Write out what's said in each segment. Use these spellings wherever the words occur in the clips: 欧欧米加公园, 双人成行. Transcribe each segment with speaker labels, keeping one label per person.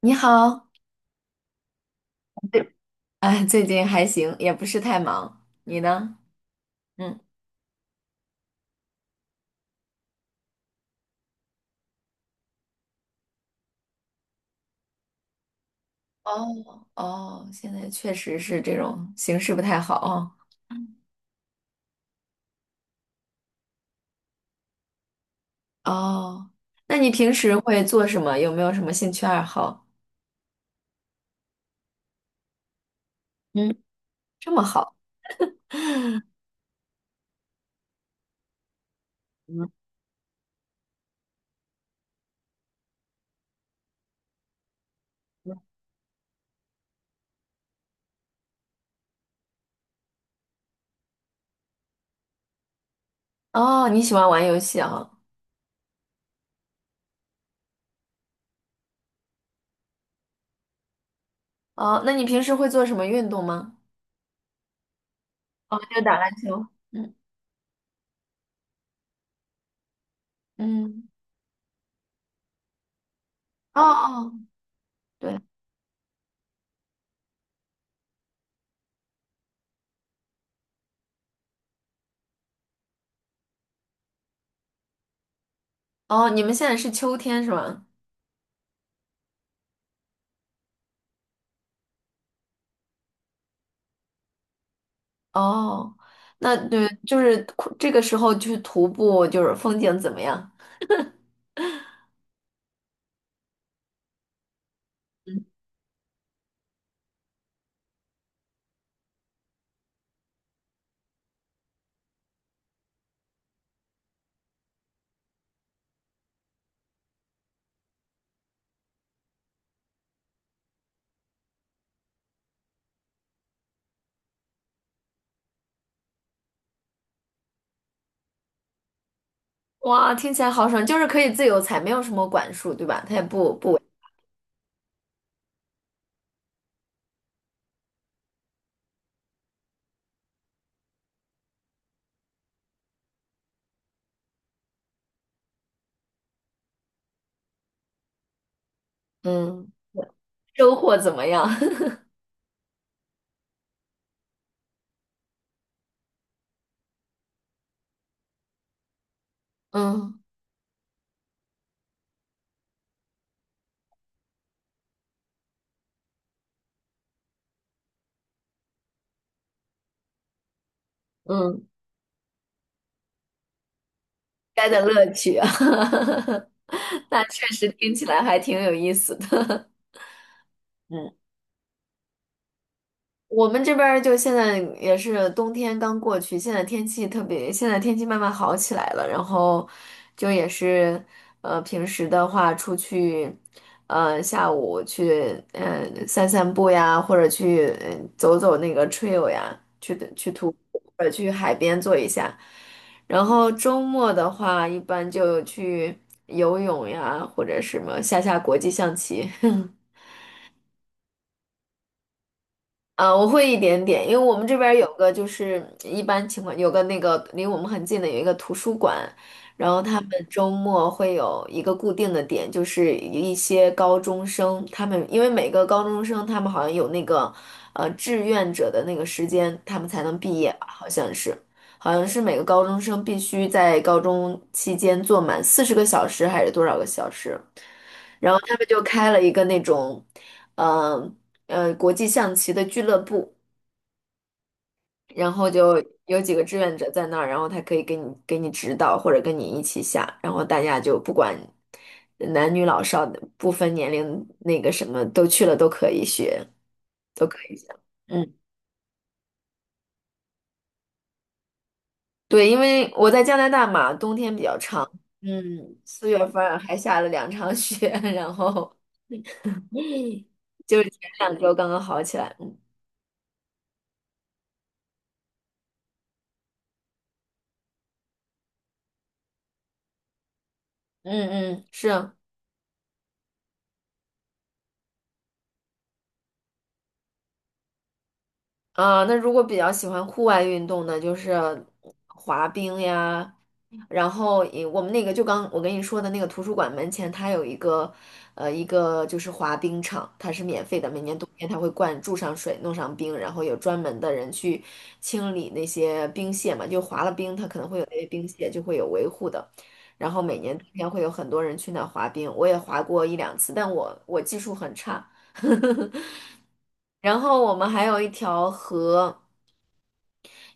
Speaker 1: 你好，对，哎，最近还行，也不是太忙。你呢？嗯。哦哦，现在确实是这种形势不太好哦。哦，那你平时会做什么？有没有什么兴趣爱好？嗯。这么好。嗯。嗯。哦，你喜欢玩游戏啊？哦，那你平时会做什么运动吗？哦，就打篮球。嗯。嗯。哦哦，对。哦，你们现在是秋天是吗？哦，那对，就是这个时候去徒步，就是风景怎么样？嗯。哇，听起来好爽，就是可以自由采，没有什么管束，对吧？他也不。嗯。收获怎么样？嗯。嗯。该的乐趣啊，那确实听起来还挺有意思的。嗯。我们这边儿就现在也是冬天刚过去，现在天气特别，现在天气慢慢好起来了，然后就也是，平时的话出去，下午去，散散步呀，或者去，走走那个 trail 呀，去的去徒步，或者去海边坐一下。然后周末的话，一般就去游泳呀，或者什么下下国际象棋。我会一点点，因为我们这边儿有个就是一般情况有个那个离我们很近的有一个图书馆，然后他们周末会有一个固定的点，就是一些高中生，他们因为每个高中生他们好像有那个志愿者的那个时间，他们才能毕业吧，好像是，好像是每个高中生必须在高中期间做满40个小时还是多少个小时。然后他们就开了一个那种，嗯。国际象棋的俱乐部，然后就有几个志愿者在那儿，然后他可以给你指导或者跟你一起下，然后大家就不管男女老少不分年龄，那个什么都去了都可以学，都可以下。嗯。对，因为我在加拿大嘛，冬天比较长，嗯，四月份儿还下了2场雪，然后就是前两周刚刚好起来。嗯。嗯，嗯是。啊，那如果比较喜欢户外运动呢，就是滑冰呀，然后也我们那个就刚我跟你说的那个图书馆门前，它有一个一个就是滑冰场，它是免费的，每年冬天它会灌注上水，弄上冰，然后有专门的人去清理那些冰屑嘛，就滑了冰，它可能会有那些冰屑就会有维护的，然后每年冬天会有很多人去那儿滑冰，我也滑过一两次，但我技术很差。然后我们还有一条河。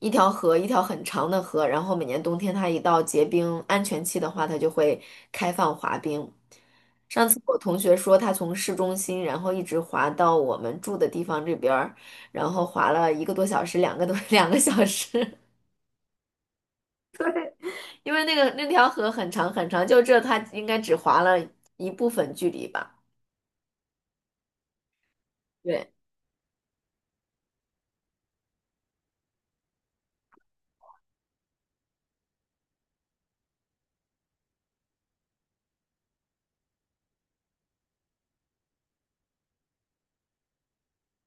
Speaker 1: 一条河，一条很长的河，然后每年冬天它一到结冰安全期的话，它就会开放滑冰。上次我同学说，他从市中心，然后一直滑到我们住的地方这边儿，然后滑了一个多小时，两个多 2个小时，因为那个那条河很长很长，就这他应该只滑了一部分距离吧。对。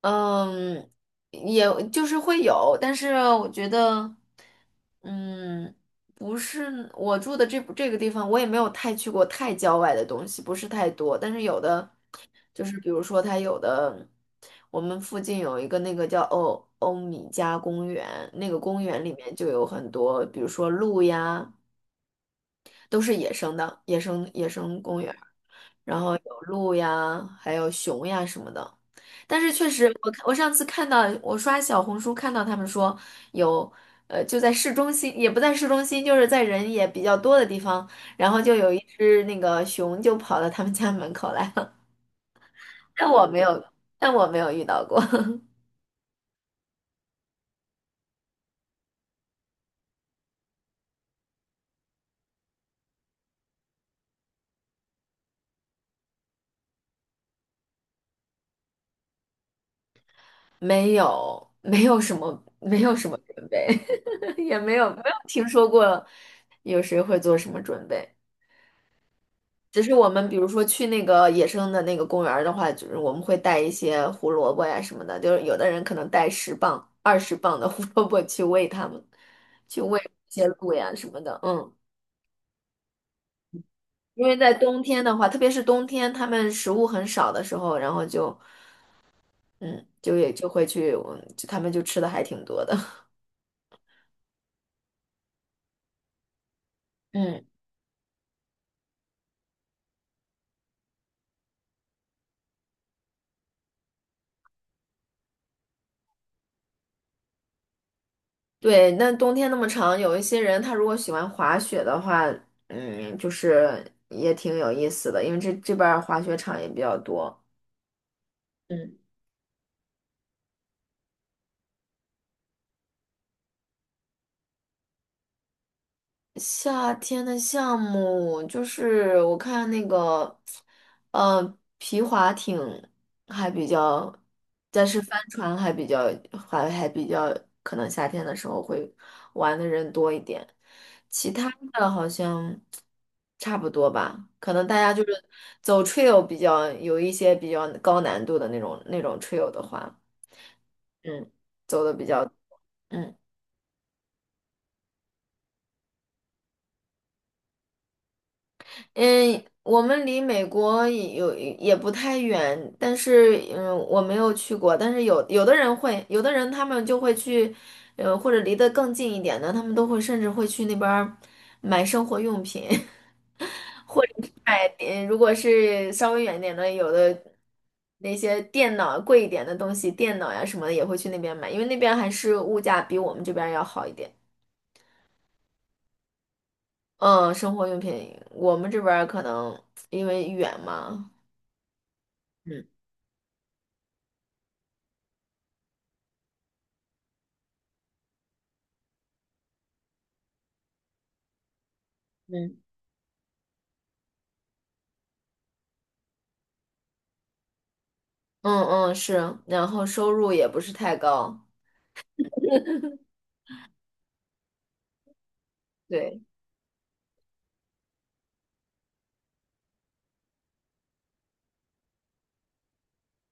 Speaker 1: 嗯，也就是会有，但是我觉得，嗯，不是我住的这个地方，我也没有太去过太郊外的东西，不是太多。但是有的就是，比如说它有的，我们附近有一个那个叫欧米加公园，那个公园里面就有很多，比如说鹿呀，都是野生的，野生公园。然后有鹿呀，还有熊呀什么的。但是确实，我看我上次看到，我刷小红书看到他们说有，就在市中心，也不在市中心，就是在人也比较多的地方，然后就有一只那个熊就跑到他们家门口来了，但我没有，但我没有遇到过，没有，没有什么，没有什么准备，也没有没有听说过有谁会做什么准备。只是我们比如说去那个野生的那个公园儿的话，就是我们会带一些胡萝卜呀什么的，就是有的人可能带十磅、20磅的胡萝卜去喂它们，去喂一些鹿呀什么的，嗯，因为在冬天的话，特别是冬天，它们食物很少的时候，然后就，嗯，就也就会去，嗯就它们就吃的还挺多的，嗯，对，那冬天那么长，有一些人他如果喜欢滑雪的话，嗯，就是也挺有意思的，因为这这边儿滑雪场也比较多。嗯，夏天的项目就是我看那个，皮划艇还比较，但是帆船还比较，还还比较，可能夏天的时候会玩的人多一点，其他的好像差不多吧，可能大家就是走 trail 比较有一些比较高难度的那种 trail 的话，嗯，走的比较。嗯。嗯，我们离美国也有也不太远，但是嗯，我没有去过，但是有有的人会，有的人他们就会去，或者离得更近一点的，他们都会甚至会去那边儿买生活用品，或者是买，如果是稍微远一点的，有的那些电脑贵一点的东西，电脑呀什么的也会去那边买，因为那边还是物价比我们这边儿要好一点。嗯，生活用品我们这边儿可能因为远嘛。嗯。嗯。嗯，嗯是，然后收入也不是太高，对，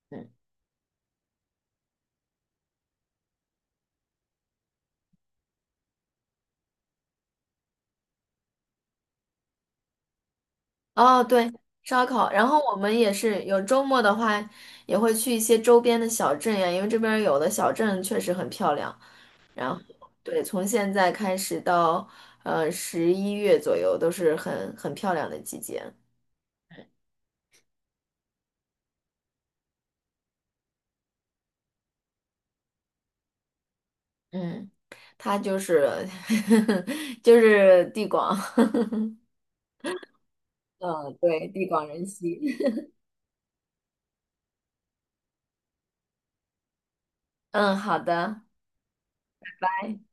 Speaker 1: 嗯，哦对，烧烤，然后我们也是有周末的话，也会去一些周边的小镇呀，因为这边儿有的小镇确实很漂亮，然后对，从现在开始到11月左右都是很很漂亮的季节，嗯，它就是 就是地广，嗯，对，地广人稀，嗯，好的。拜。